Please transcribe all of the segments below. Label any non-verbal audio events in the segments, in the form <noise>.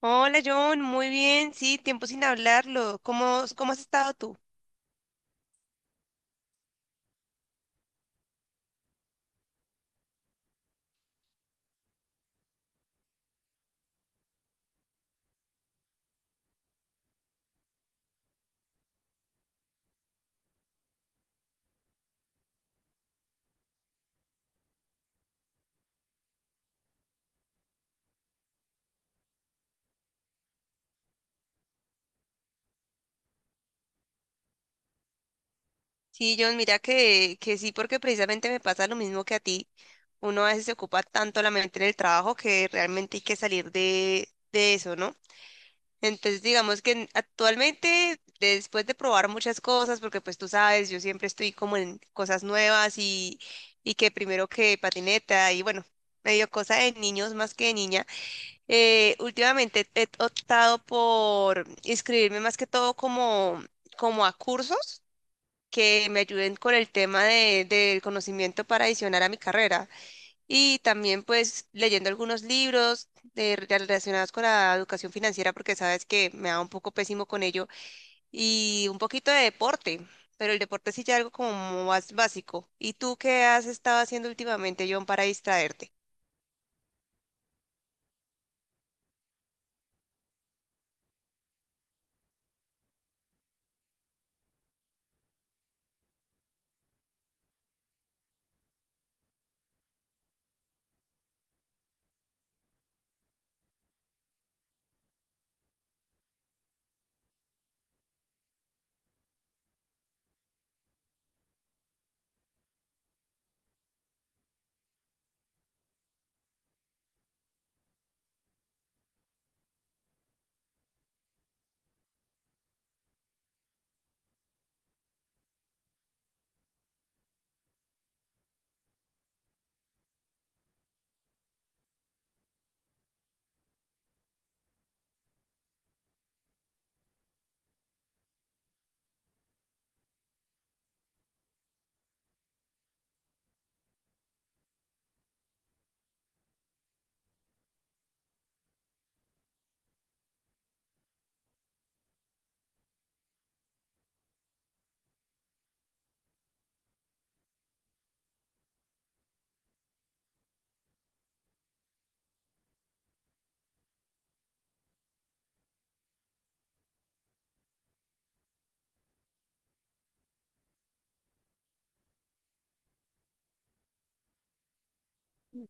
Hola John, muy bien, sí, tiempo sin hablarlo. ¿Cómo has estado tú? Sí, John, mira que sí, porque precisamente me pasa lo mismo que a ti. Uno a veces se ocupa tanto la mente en el trabajo que realmente hay que salir de eso, ¿no? Entonces, digamos que actualmente, después de probar muchas cosas, porque pues tú sabes, yo siempre estoy como en cosas nuevas y que primero que patineta y bueno, medio cosa de niños más que de niña. Últimamente he optado por inscribirme más que todo como a cursos que me ayuden con el tema del conocimiento para adicionar a mi carrera. Y también pues leyendo algunos libros relacionados con la educación financiera porque sabes que me da un poco pésimo con ello. Y un poquito de deporte, pero el deporte sí ya algo como más básico. ¿Y tú qué has estado haciendo últimamente, John, para distraerte?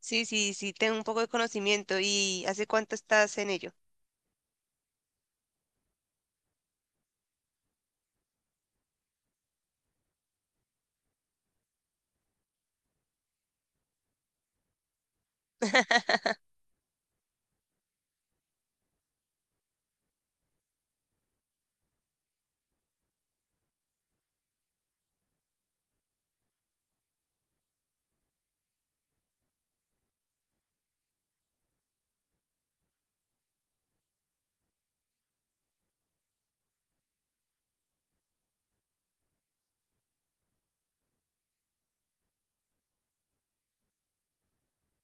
Sí, sí, sí, tengo un poco de conocimiento. ¿Y hace cuánto estás en ello?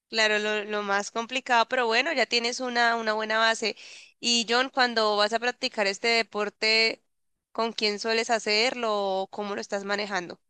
Claro, lo más complicado, pero bueno, ya tienes una buena base. Y John, cuando vas a practicar este deporte, ¿con quién sueles hacerlo o cómo lo estás manejando?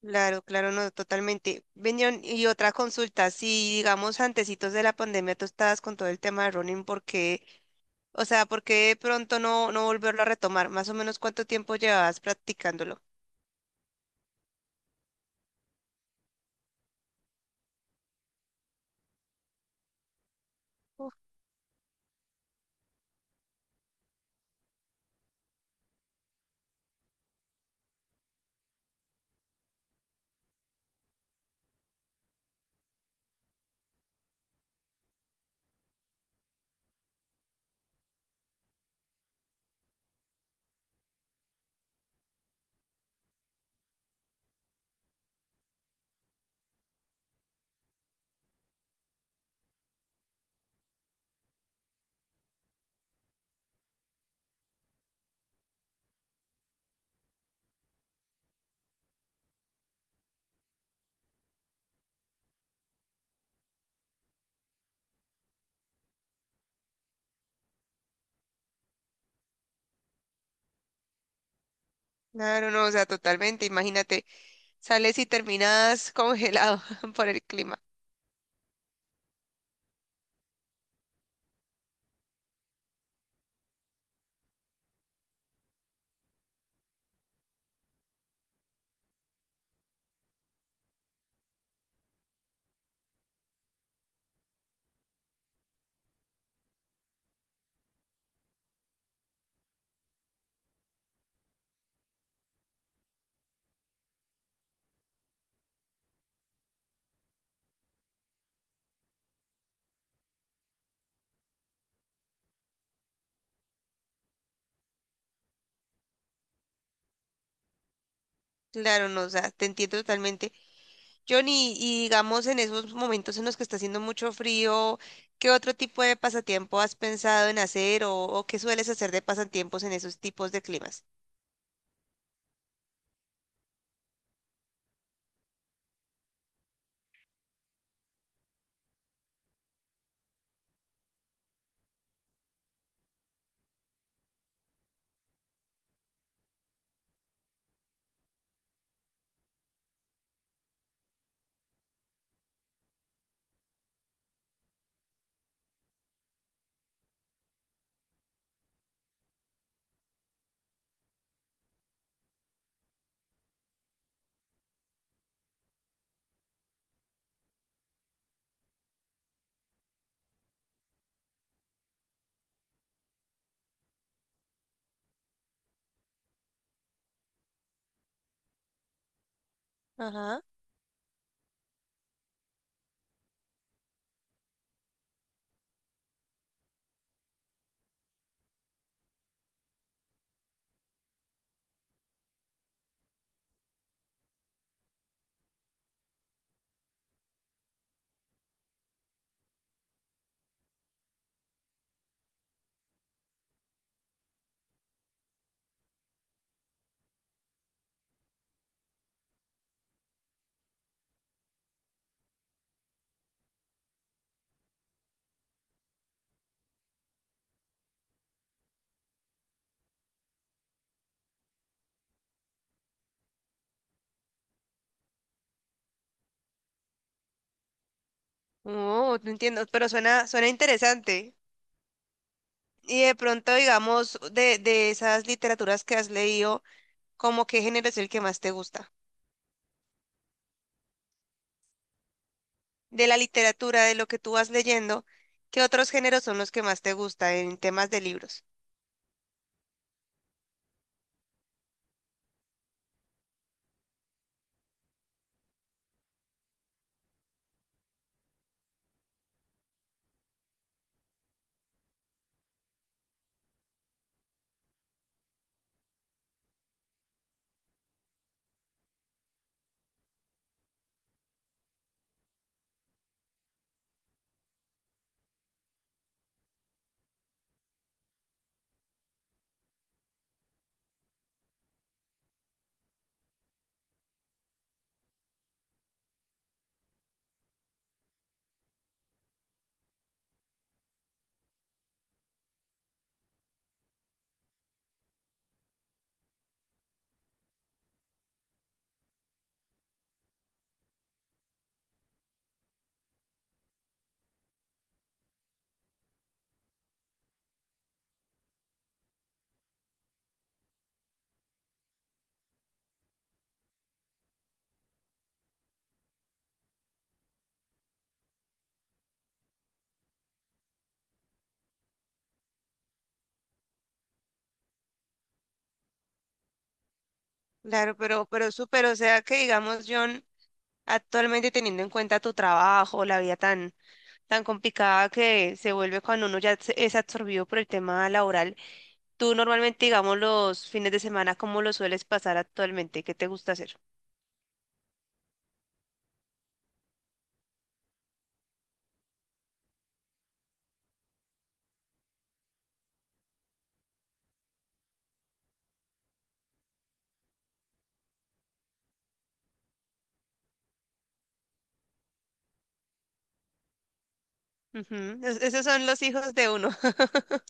Claro, claro, no, totalmente. Ven, John, y otra consulta, si digamos antecitos de la pandemia tú estabas con todo el tema de running, ¿por qué? O sea, ¿por qué de pronto no volverlo a retomar? ¿Más o menos cuánto tiempo llevabas practicándolo? Uf. Claro, no, o sea, totalmente, imagínate. Sales y terminas congelado <laughs> por el clima. Claro, no, o sea, te entiendo totalmente. Johnny, y digamos en esos momentos en los que está haciendo mucho frío, ¿qué otro tipo de pasatiempo has pensado en hacer o qué sueles hacer de pasatiempos en esos tipos de climas? Ajá. Oh, no entiendo, pero suena interesante. Y de pronto, digamos, de esas literaturas que has leído, ¿cómo qué género es el que más te gusta? De la literatura, de lo que tú vas leyendo, ¿qué otros géneros son los que más te gustan en temas de libros? Claro, pero súper, o sea que digamos, John, actualmente teniendo en cuenta tu trabajo, la vida tan, tan complicada que se vuelve cuando uno ya es absorbido por el tema laboral, tú normalmente, digamos, los fines de semana, ¿cómo lo sueles pasar actualmente? ¿Qué te gusta hacer? Ujú, esos son los hijos de uno. <laughs>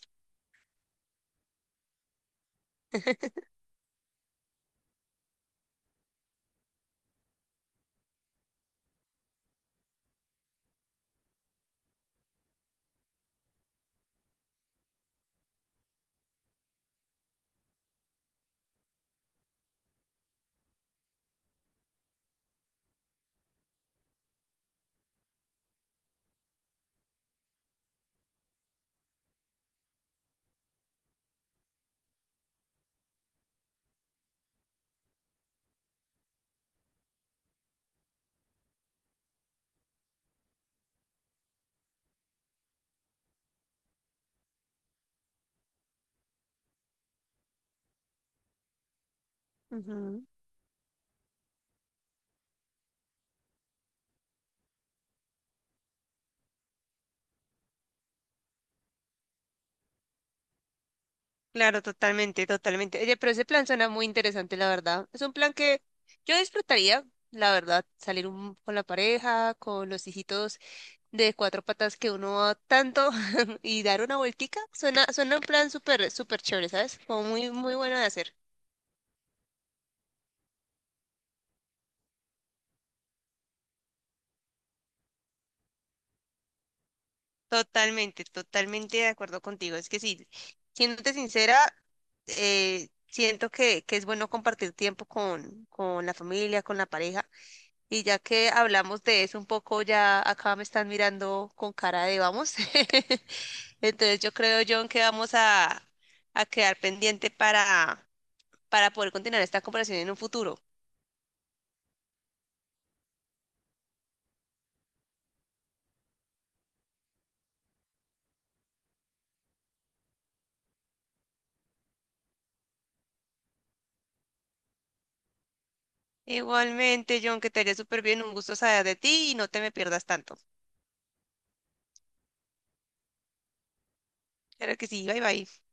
Ujú. Claro, totalmente, totalmente. Oye, pero ese plan suena muy interesante, la verdad. Es un plan que yo disfrutaría, la verdad, salir con la pareja, con los hijitos de cuatro patas que uno va tanto <laughs> y dar una vueltica. Suena un plan súper, súper chévere, ¿sabes? Como muy, muy bueno de hacer. Totalmente, totalmente de acuerdo contigo. Es que sí, siéndote sincera, siento que es bueno compartir tiempo con la familia, con la pareja. Y ya que hablamos de eso un poco, ya acá me están mirando con cara de vamos. <laughs> Entonces yo creo, John, que vamos a quedar pendiente para poder continuar esta conversación en un futuro. Igualmente, John, que te haría súper bien, un gusto saber de ti y no te me pierdas tanto. Claro que sí, bye bye.